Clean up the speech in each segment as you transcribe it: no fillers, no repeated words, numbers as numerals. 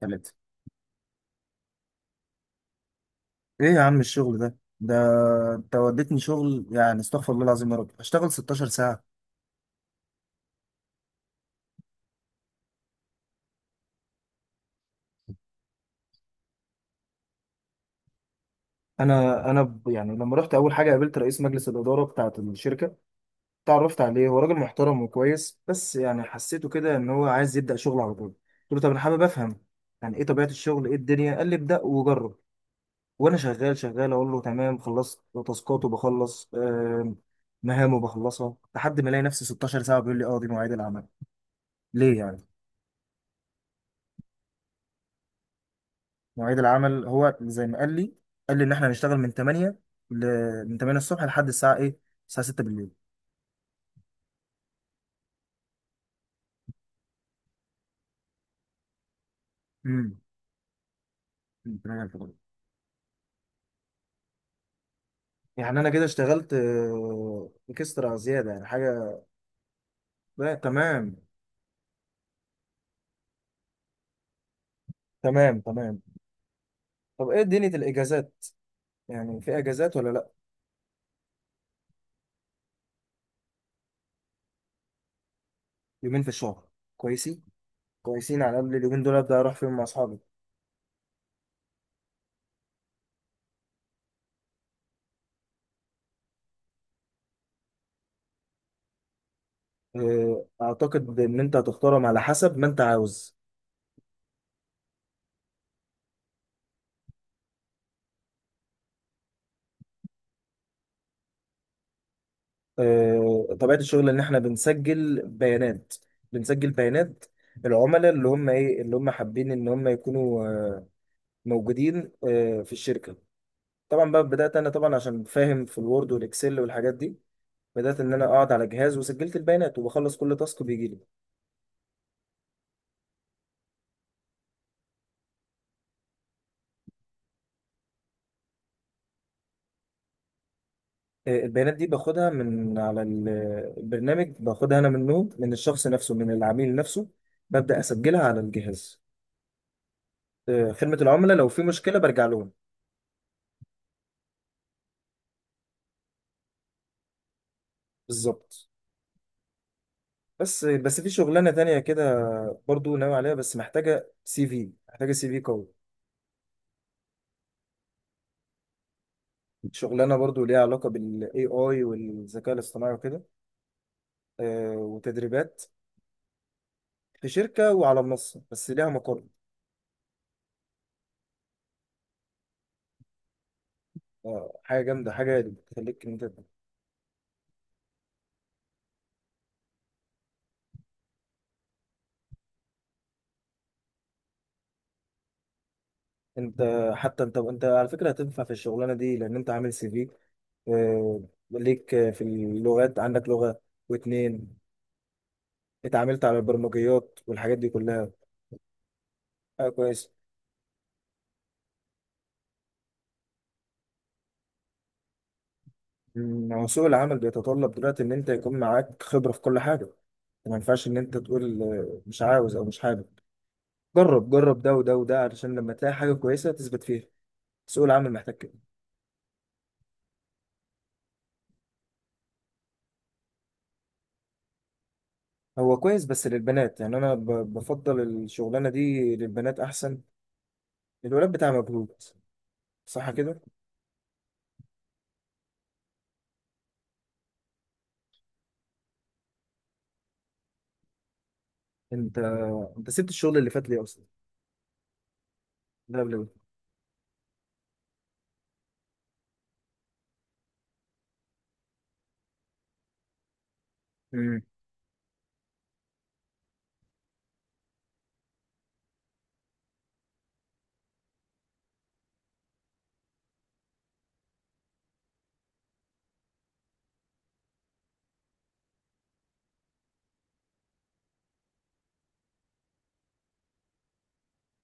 ثلاثة، ايه يا عم الشغل ده، انت وديتني شغل، يعني استغفر الله العظيم يا رب، اشتغل 16 ساعة. يعني لما رحت اول حاجة قابلت رئيس مجلس الإدارة بتاعت الشركة، تعرفت عليه، هو راجل محترم وكويس، بس يعني حسيته كده ان هو عايز يبدأ شغل على طول. قلت له طب انا حابب افهم، يعني ايه طبيعة الشغل، ايه الدنيا. قال لي ابدأ وجرب. وانا شغال شغال اقول له تمام خلصت تاسكات، وبخلص مهام وبخلصها، لحد ما الاقي نفسي 16 ساعة بيقول لي اه، دي مواعيد العمل. ليه يعني؟ مواعيد العمل هو زي ما قال لي ان احنا هنشتغل من 8 ل... من 8 الصبح لحد الساعه ايه، الساعه 6 بالليل. امم من 8 الفجر. يعني انا كده اشتغلت، اكسترا زياده، يعني حاجه. لا، تمام تمام تمام. طب ايه دنيا الاجازات؟ يعني في اجازات ولا لا؟ يومين في الشهر، كويسين كويسين، على الاقل اليومين دول ابدا اروح فيهم مع اصحابي. اعتقد ان انت هتختارهم على حسب ما انت عاوز. طبيعة الشغل ان احنا بنسجل بيانات بنسجل بيانات العملاء، اللي هم حابين ان هم يكونوا موجودين في الشركة. طبعا بقى بدأت انا طبعا، عشان فاهم في الوورد والاكسل والحاجات دي. بدأت ان انا اقعد على جهاز وسجلت البيانات، وبخلص كل تاسك بيجي لي. البيانات دي باخدها من على البرنامج، باخدها انا منه، من الشخص نفسه، من العميل نفسه. ببدأ اسجلها على الجهاز. خدمة العملاء لو في مشكلة برجع لهم. بالظبط. بس في شغلانه تانية كده، برضو ناوي عليها، بس محتاجه سي في، محتاجه سي في قوي. شغلانه برضو ليها علاقه بالاي اي والذكاء الاصطناعي وكده، وتدريبات. في شركه وعلى منصه، بس ليها مقر. حاجه جامده، حاجه بتخليك ان انت، انت حتى انت على فكره هتنفع في الشغلانه دي، لان انت عامل سي في، ليك في اللغات، عندك لغه واتنين، اتعاملت على البرمجيات والحاجات دي كلها. كويس. هو سوق العمل بيتطلب دلوقتي ان انت يكون معاك خبرة في كل حاجة. ما ينفعش ان انت تقول مش عاوز او مش حابب. جرب، جرب ده وده وده، علشان لما تلاقي حاجة كويسة تثبت فيها. سوق العمل محتاج كده. هو كويس بس للبنات، يعني بفضل الشغلانة دي للبنات احسن، الولاد بتاع مجهود. صح كده. انت انت سبت الشغل اللي فات ليه اصلا؟ ده قبل ده. مم.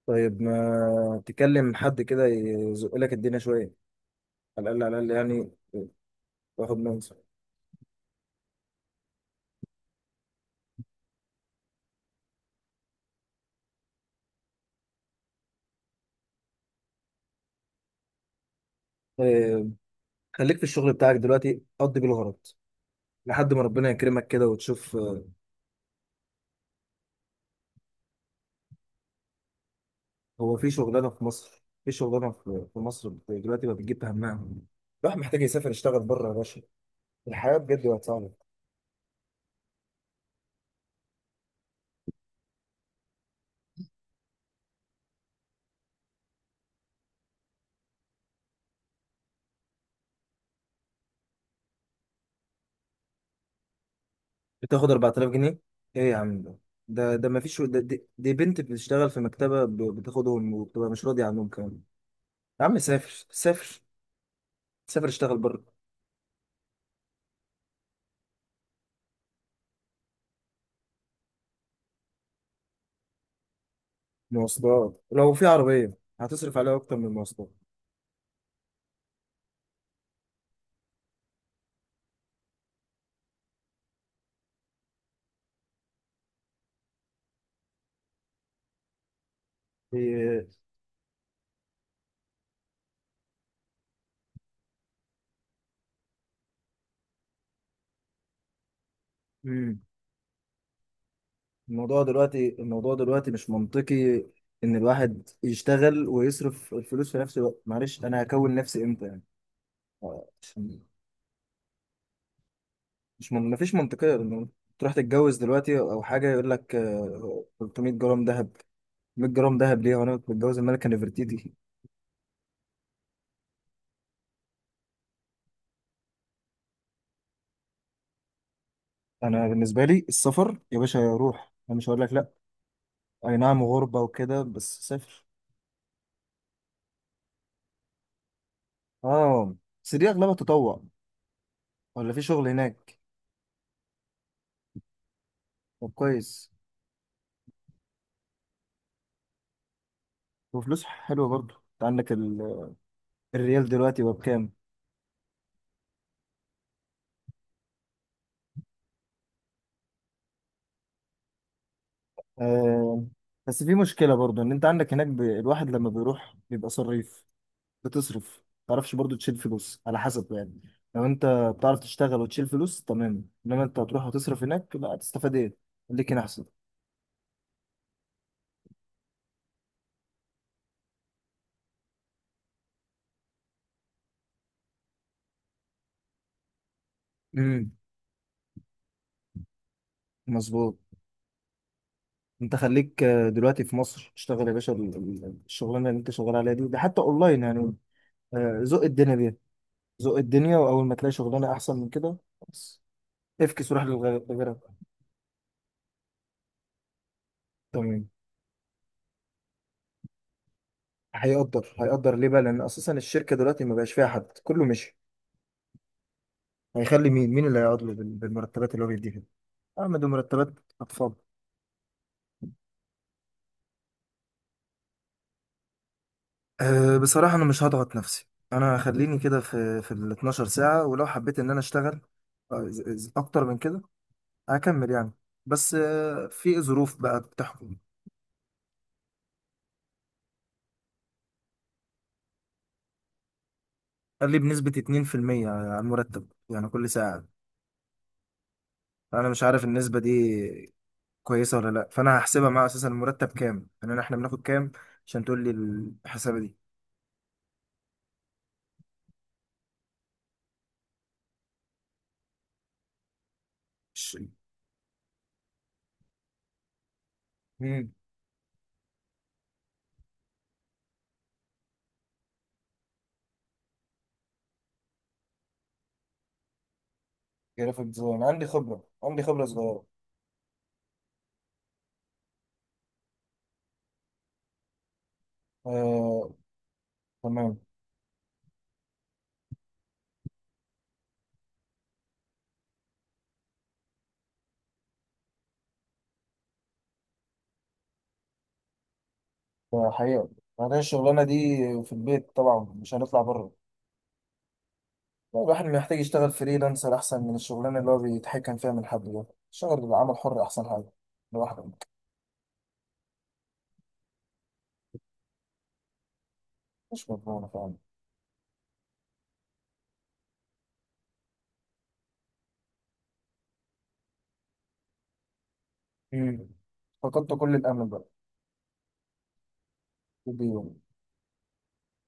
طيب ما تكلم حد كده يزق لك الدنيا شوية، على الاقل على الاقل يعني. واخد منصب. خليك في الشغل بتاعك دلوقتي قضي بيه الغرض، لحد ما ربنا يكرمك كده وتشوف. هو في شغلانه في مصر، دلوقتي ما بتجيب همها. الواحد محتاج يسافر يشتغل بره يا باشا. الحياه بجد بقت صعبه. بتاخد 4000 جنيه؟ ايه يا عم ده؟ ما فيش. دي بنت بتشتغل في مكتبه، بتاخدهم وبتبقى مش راضيه عنهم كمان. يا عم سافر، سافر، سافر، اشتغل بره. مواصلات. لو في عربيه هتصرف عليها اكتر من المواصلات. إيه، مم. الموضوع دلوقتي مش منطقي، ان الواحد يشتغل ويصرف الفلوس في نفس الوقت. معلش انا هكون نفسي امتى يعني؟ عشان- مش من... مفيش منطقية انه تروح تتجوز دلوقتي او حاجة يقول لك 300 جرام ذهب، 100 جرام ذهب ليه وانا متجوز الملكة نفرتيتي؟ انا بالنسبة لي السفر يا باشا، روح، انا مش هقول لك لا. اي نعم غربة وكده بس سافر. اه، بس دي اغلبها تطوع ولا في شغل هناك؟ طب كويس. وفلوس حلوة برضه. انت عندك الريال دلوقتي هو بكام؟ آه، بس في مشكلة برضو ان انت عندك هناك، الواحد لما بيروح بيبقى صريف، بتصرف. ما تعرفش برضو تشيل فلوس على حسب يعني، لو انت بتعرف تشتغل وتشيل فلوس تمام، انما انت هتروح وتصرف هناك، لا هتستفاد ايه. خليك هنا احسن. امم مظبوط. انت خليك دلوقتي في مصر، اشتغل يا باشا. الشغلانه اللي انت شغال عليها دي، ده حتى اونلاين يعني. زق الدنيا بيها، زق الدنيا، واول ما تلاقي شغلانه احسن من كده، بس افكس وروح لغيرها. تمام. هيقدر ليه بقى؟ لان اساسا الشركه دلوقتي ما بقاش فيها حد، كله مشي. هيخلي مين اللي هيقعد له بالمرتبات اللي هو بيديها دي؟ اعمل مرتبات. اطفال. أه، بصراحه انا مش هضغط نفسي. انا هخليني كده في ال 12 ساعه، ولو حبيت ان انا اشتغل اكتر من كده هكمل يعني. بس في ظروف بقى بتحكم. قال لي بنسبه 2% على المرتب، يعني كل ساعه. انا مش عارف النسبه دي كويسه ولا لا، فانا هحسبها معاه. اساسا المرتب كام يعني، احنا بناخد كام عشان تقول لي الحسابه دي؟ ش- مم. جرافيك ديزاين، عندي خبرة، عندي خبرة صغيرة. آه، تمام. حقيقة، بعدين الشغلانة دي في البيت طبعا، مش هنطلع بره. لا، الواحد محتاج يشتغل فريلانسر أحسن من الشغلانة اللي هو بيتحكم فيها من حد ده. الشغل بعمل حر أحسن حاجة، لوحدك. مش مضمونة فعلا. مم. فقدت كل الأمل بقى. في البيت.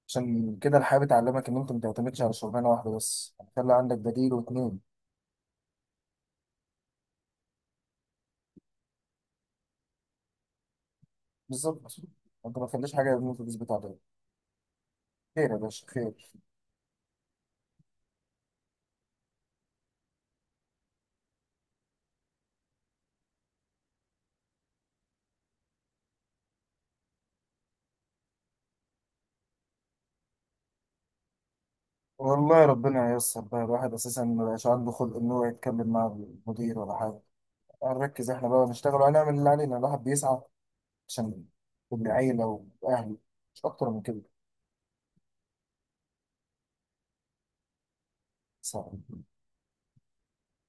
عشان كده الحياة بتعلمك إن أنت ما تعتمدش على شغلانة واحدة بس، يعني خلي عندك بديل واتنين. بالظبط، أنت ما تخليش حاجة إن أنت تثبت عليها. خير يا باشا خير. والله ربنا ييسر بقى، الواحد أساسا ما بقاش عنده خلق إن هو يتكلم مع المدير ولا حاجة، هنركز إحنا بقى ونشتغل وهنعمل اللي علينا، الواحد بيسعى عشان العيلة وأهله، مش أكتر من كده. صعب.